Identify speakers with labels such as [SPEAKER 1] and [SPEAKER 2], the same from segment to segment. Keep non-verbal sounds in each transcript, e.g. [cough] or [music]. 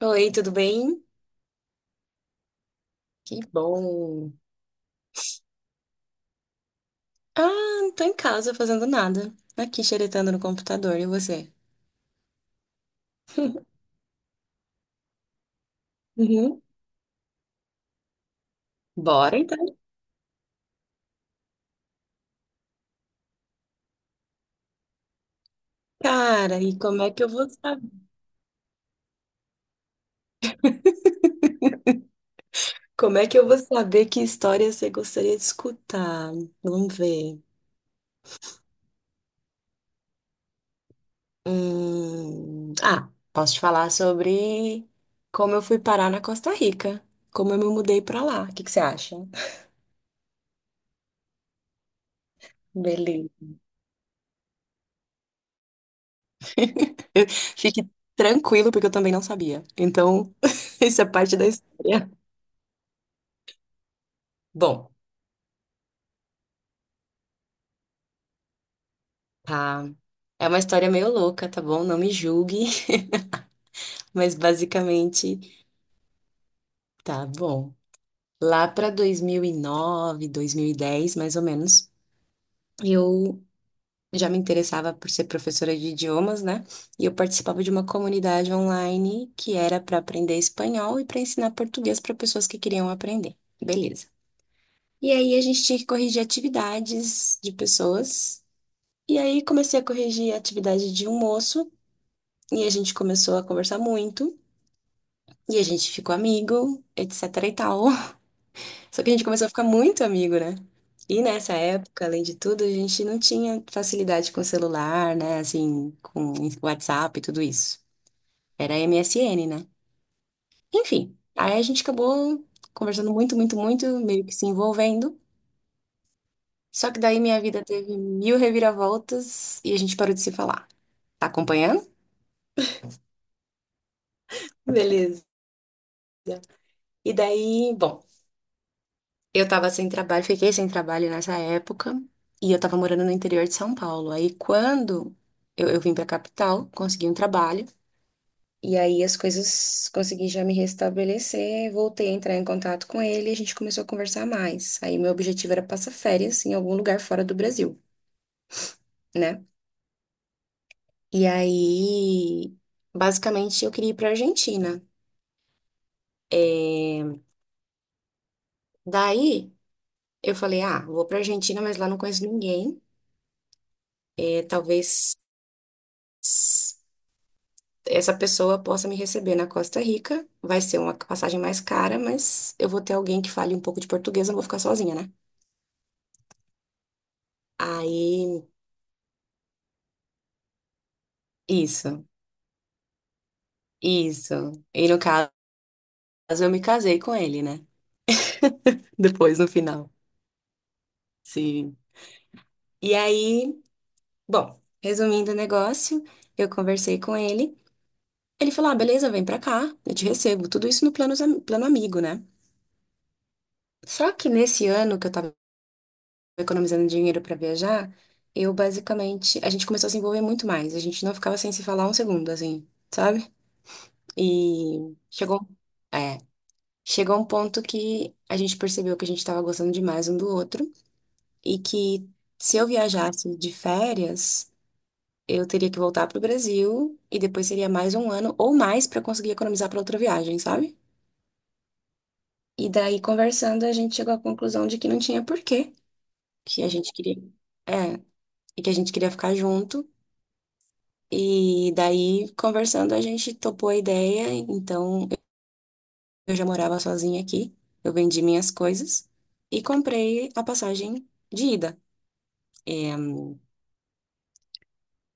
[SPEAKER 1] Oi, tudo bem? Que bom. Ah, não tô em casa fazendo nada. Aqui xeretando no computador, e você? Uhum. Bora então, cara. E como é que eu vou saber? Como é que eu vou saber que história você gostaria de escutar? Vamos ver. Ah, posso te falar sobre como eu fui parar na Costa Rica, como eu me mudei pra lá. O que que você acha? Beleza. Eu- Fique tranquilo, porque eu também não sabia. Então, [laughs] isso é parte da história. Bom, tá. É uma história meio louca, tá bom? Não me julgue, [laughs] mas basicamente, tá bom. Lá para dois mil e nove, dois mil e dez, mais ou menos, eu já me interessava por ser professora de idiomas, né? E eu participava de uma comunidade online que era para aprender espanhol e para ensinar português para pessoas que queriam aprender. Beleza. E aí a gente tinha que corrigir atividades de pessoas. E aí comecei a corrigir a atividade de um moço. E a gente começou a conversar muito. E a gente ficou amigo, etc e tal. [laughs] Só que a gente começou a ficar muito amigo, né? E nessa época, além de tudo, a gente não tinha facilidade com celular, né? Assim, com WhatsApp e tudo isso. Era MSN, né? Enfim, aí a gente acabou conversando muito, muito, muito, meio que se envolvendo. Só que daí minha vida teve mil reviravoltas e a gente parou de se falar. Tá acompanhando? Beleza. E daí, bom. Eu tava sem trabalho, fiquei sem trabalho nessa época e eu tava morando no interior de São Paulo. Aí quando eu vim pra capital, consegui um trabalho e aí as coisas consegui já me restabelecer, voltei a entrar em contato com ele e a gente começou a conversar mais. Aí meu objetivo era passar férias em algum lugar fora do Brasil, né? E aí, basicamente, eu queria ir pra Argentina. Daí eu falei, ah, vou pra Argentina, mas lá não conheço ninguém. É, talvez essa pessoa possa me receber na Costa Rica. Vai ser uma passagem mais cara, mas eu vou ter alguém que fale um pouco de português, eu não vou ficar sozinha, né? Aí, isso, isso. E no caso, eu me casei com ele, né? Depois, no final. Sim. E aí, bom, resumindo o negócio, eu conversei com ele. Ele falou: ah, beleza, vem pra cá, eu te recebo. Tudo isso no plano, plano amigo, né? Só que nesse ano que eu tava economizando dinheiro para viajar, eu basicamente, a gente começou a se envolver muito mais. A gente não ficava sem se falar um segundo, assim, sabe? E é, chegou um ponto que a gente percebeu que a gente estava gostando demais um do outro e que se eu viajasse de férias, eu teria que voltar para o Brasil e depois seria mais um ano ou mais para conseguir economizar para outra viagem, sabe? E daí, conversando, a gente chegou à conclusão de que não tinha porquê, que a gente queria, é, e que a gente queria ficar junto. E daí, conversando, a gente topou a ideia. Então, eu já morava sozinha aqui. Eu vendi minhas coisas e comprei a passagem de ida. É,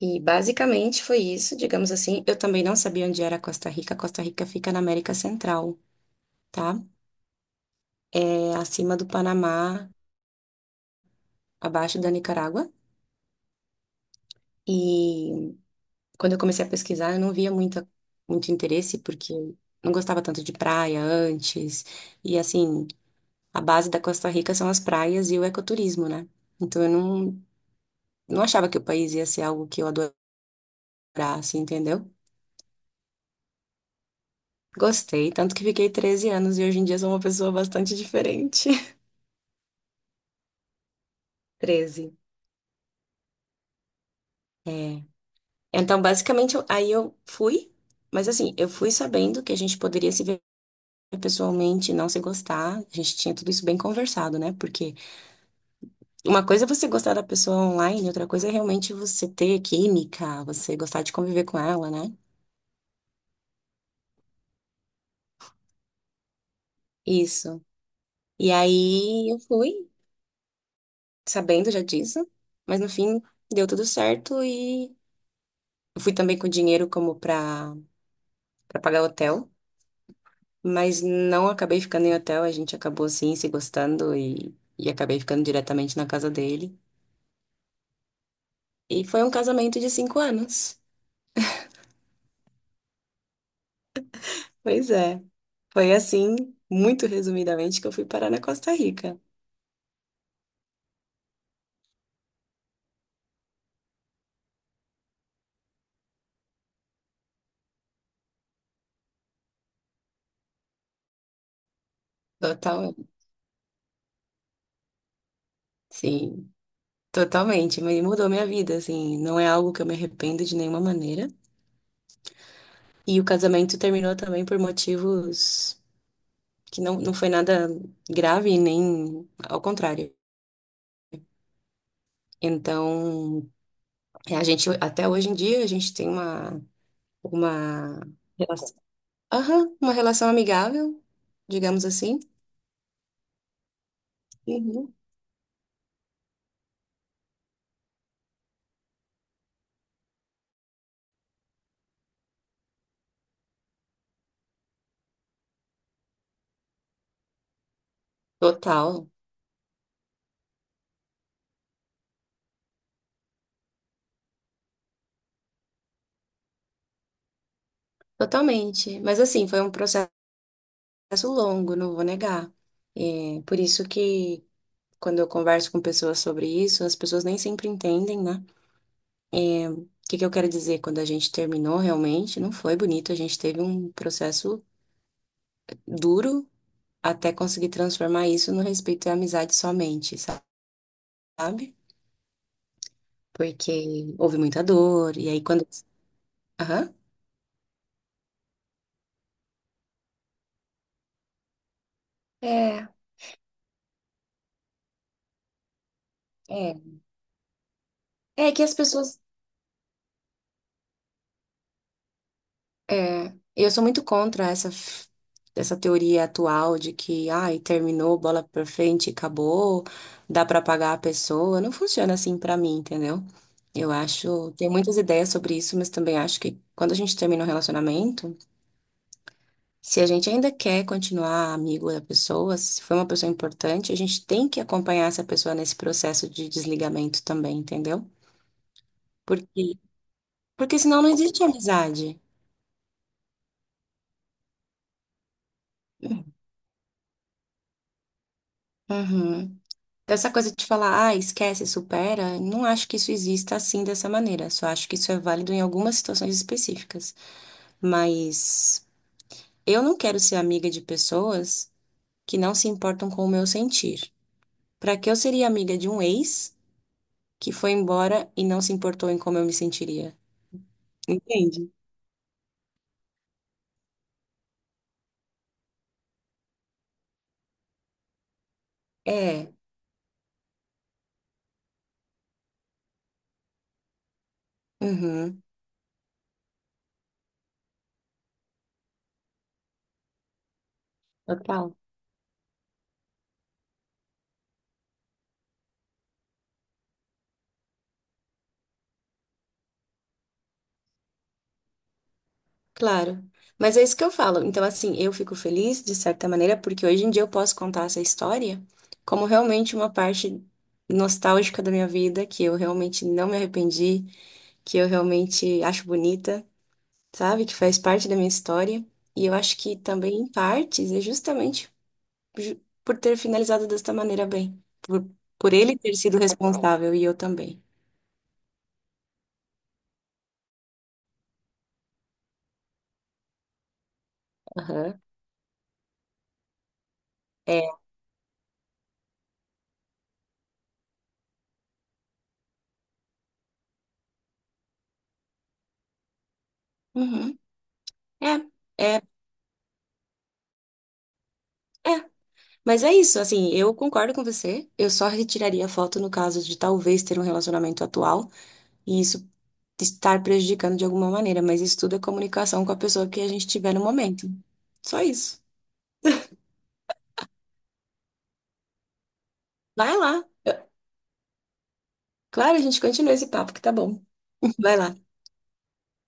[SPEAKER 1] e basicamente foi isso, digamos assim. Eu também não sabia onde era Costa Rica. Costa Rica fica na América Central, tá? É acima do Panamá, abaixo da Nicarágua. E quando eu comecei a pesquisar, eu não via muita, muito interesse, porque eu não gostava tanto de praia antes. E assim, a base da Costa Rica são as praias e o ecoturismo, né? Então eu não achava que o país ia ser algo que eu adorasse, entendeu? Gostei, tanto que fiquei 13 anos e hoje em dia sou uma pessoa bastante diferente. [laughs] 13. É. Então, basicamente, eu- aí eu fui, mas assim, eu fui sabendo que a gente poderia se ver pessoalmente, e não se gostar. A gente tinha tudo isso bem conversado, né? Porque uma coisa é você gostar da pessoa online, outra coisa é realmente você ter química, você gostar de conviver com ela, né? Isso. E aí eu fui, sabendo já disso, mas no fim deu tudo certo e eu fui também com dinheiro como pra, pagar hotel, mas não acabei ficando em hotel, a gente acabou assim se gostando e acabei ficando diretamente na casa dele. E foi um casamento de cinco anos. Pois é. Foi assim, muito resumidamente, que eu fui parar na Costa Rica. Total, sim, totalmente. Mas mudou minha vida, assim. Não é algo que eu me arrependo de nenhuma maneira. E o casamento terminou também por motivos que não foi nada grave, nem ao contrário. Então, é, a gente, até hoje em dia, a gente tem uma, uma, relação, aham, uma relação amigável, digamos assim. Uhum. Total, totalmente. Mas assim, foi um processo longo, não vou negar. É, por isso que quando eu converso com pessoas sobre isso, as pessoas nem sempre entendem, né? O que que eu quero dizer? Quando a gente terminou, realmente não foi bonito. A gente teve um processo duro até conseguir transformar isso no respeito e amizade somente, sabe? Porque houve muita dor. E aí, quando. Aham. É, é. É que as pessoas É, eu sou muito contra essa, essa teoria atual de que, ai, terminou, bola pra frente, acabou, dá pra pagar a pessoa. Não funciona assim pra mim, entendeu? Eu acho, tem muitas ideias sobre isso, mas também acho que quando a gente termina um relacionamento, se a gente ainda quer continuar amigo da pessoa, se foi uma pessoa importante, a gente tem que acompanhar essa pessoa nesse processo de desligamento também, entendeu? Porque, porque senão não existe amizade. Uhum. Essa coisa de falar, ah, esquece, supera, não acho que isso exista assim dessa maneira. Só acho que isso é válido em algumas situações específicas. Mas eu não quero ser amiga de pessoas que não se importam com o meu sentir. Pra que eu seria amiga de um ex que foi embora e não se importou em como eu me sentiria? Entende? É. Uhum. Total. Claro. Mas é isso que eu falo. Então, assim, eu fico feliz, de certa maneira, porque hoje em dia eu posso contar essa história como realmente uma parte nostálgica da minha vida, que eu realmente não me arrependi, que eu realmente acho bonita, sabe? Que faz parte da minha história. E eu acho que também, em partes, é justamente por ter finalizado desta maneira bem. Por ele ter sido responsável e eu também. Aham. É. Uhum. É. É. É. Mas é isso, assim, eu concordo com você. Eu só retiraria a foto no caso de talvez ter um relacionamento atual e isso estar prejudicando de alguma maneira, mas isso tudo é comunicação com a pessoa que a gente tiver no momento. Só isso. Vai lá. Claro, a gente continua esse papo que tá bom. [laughs] Vai lá.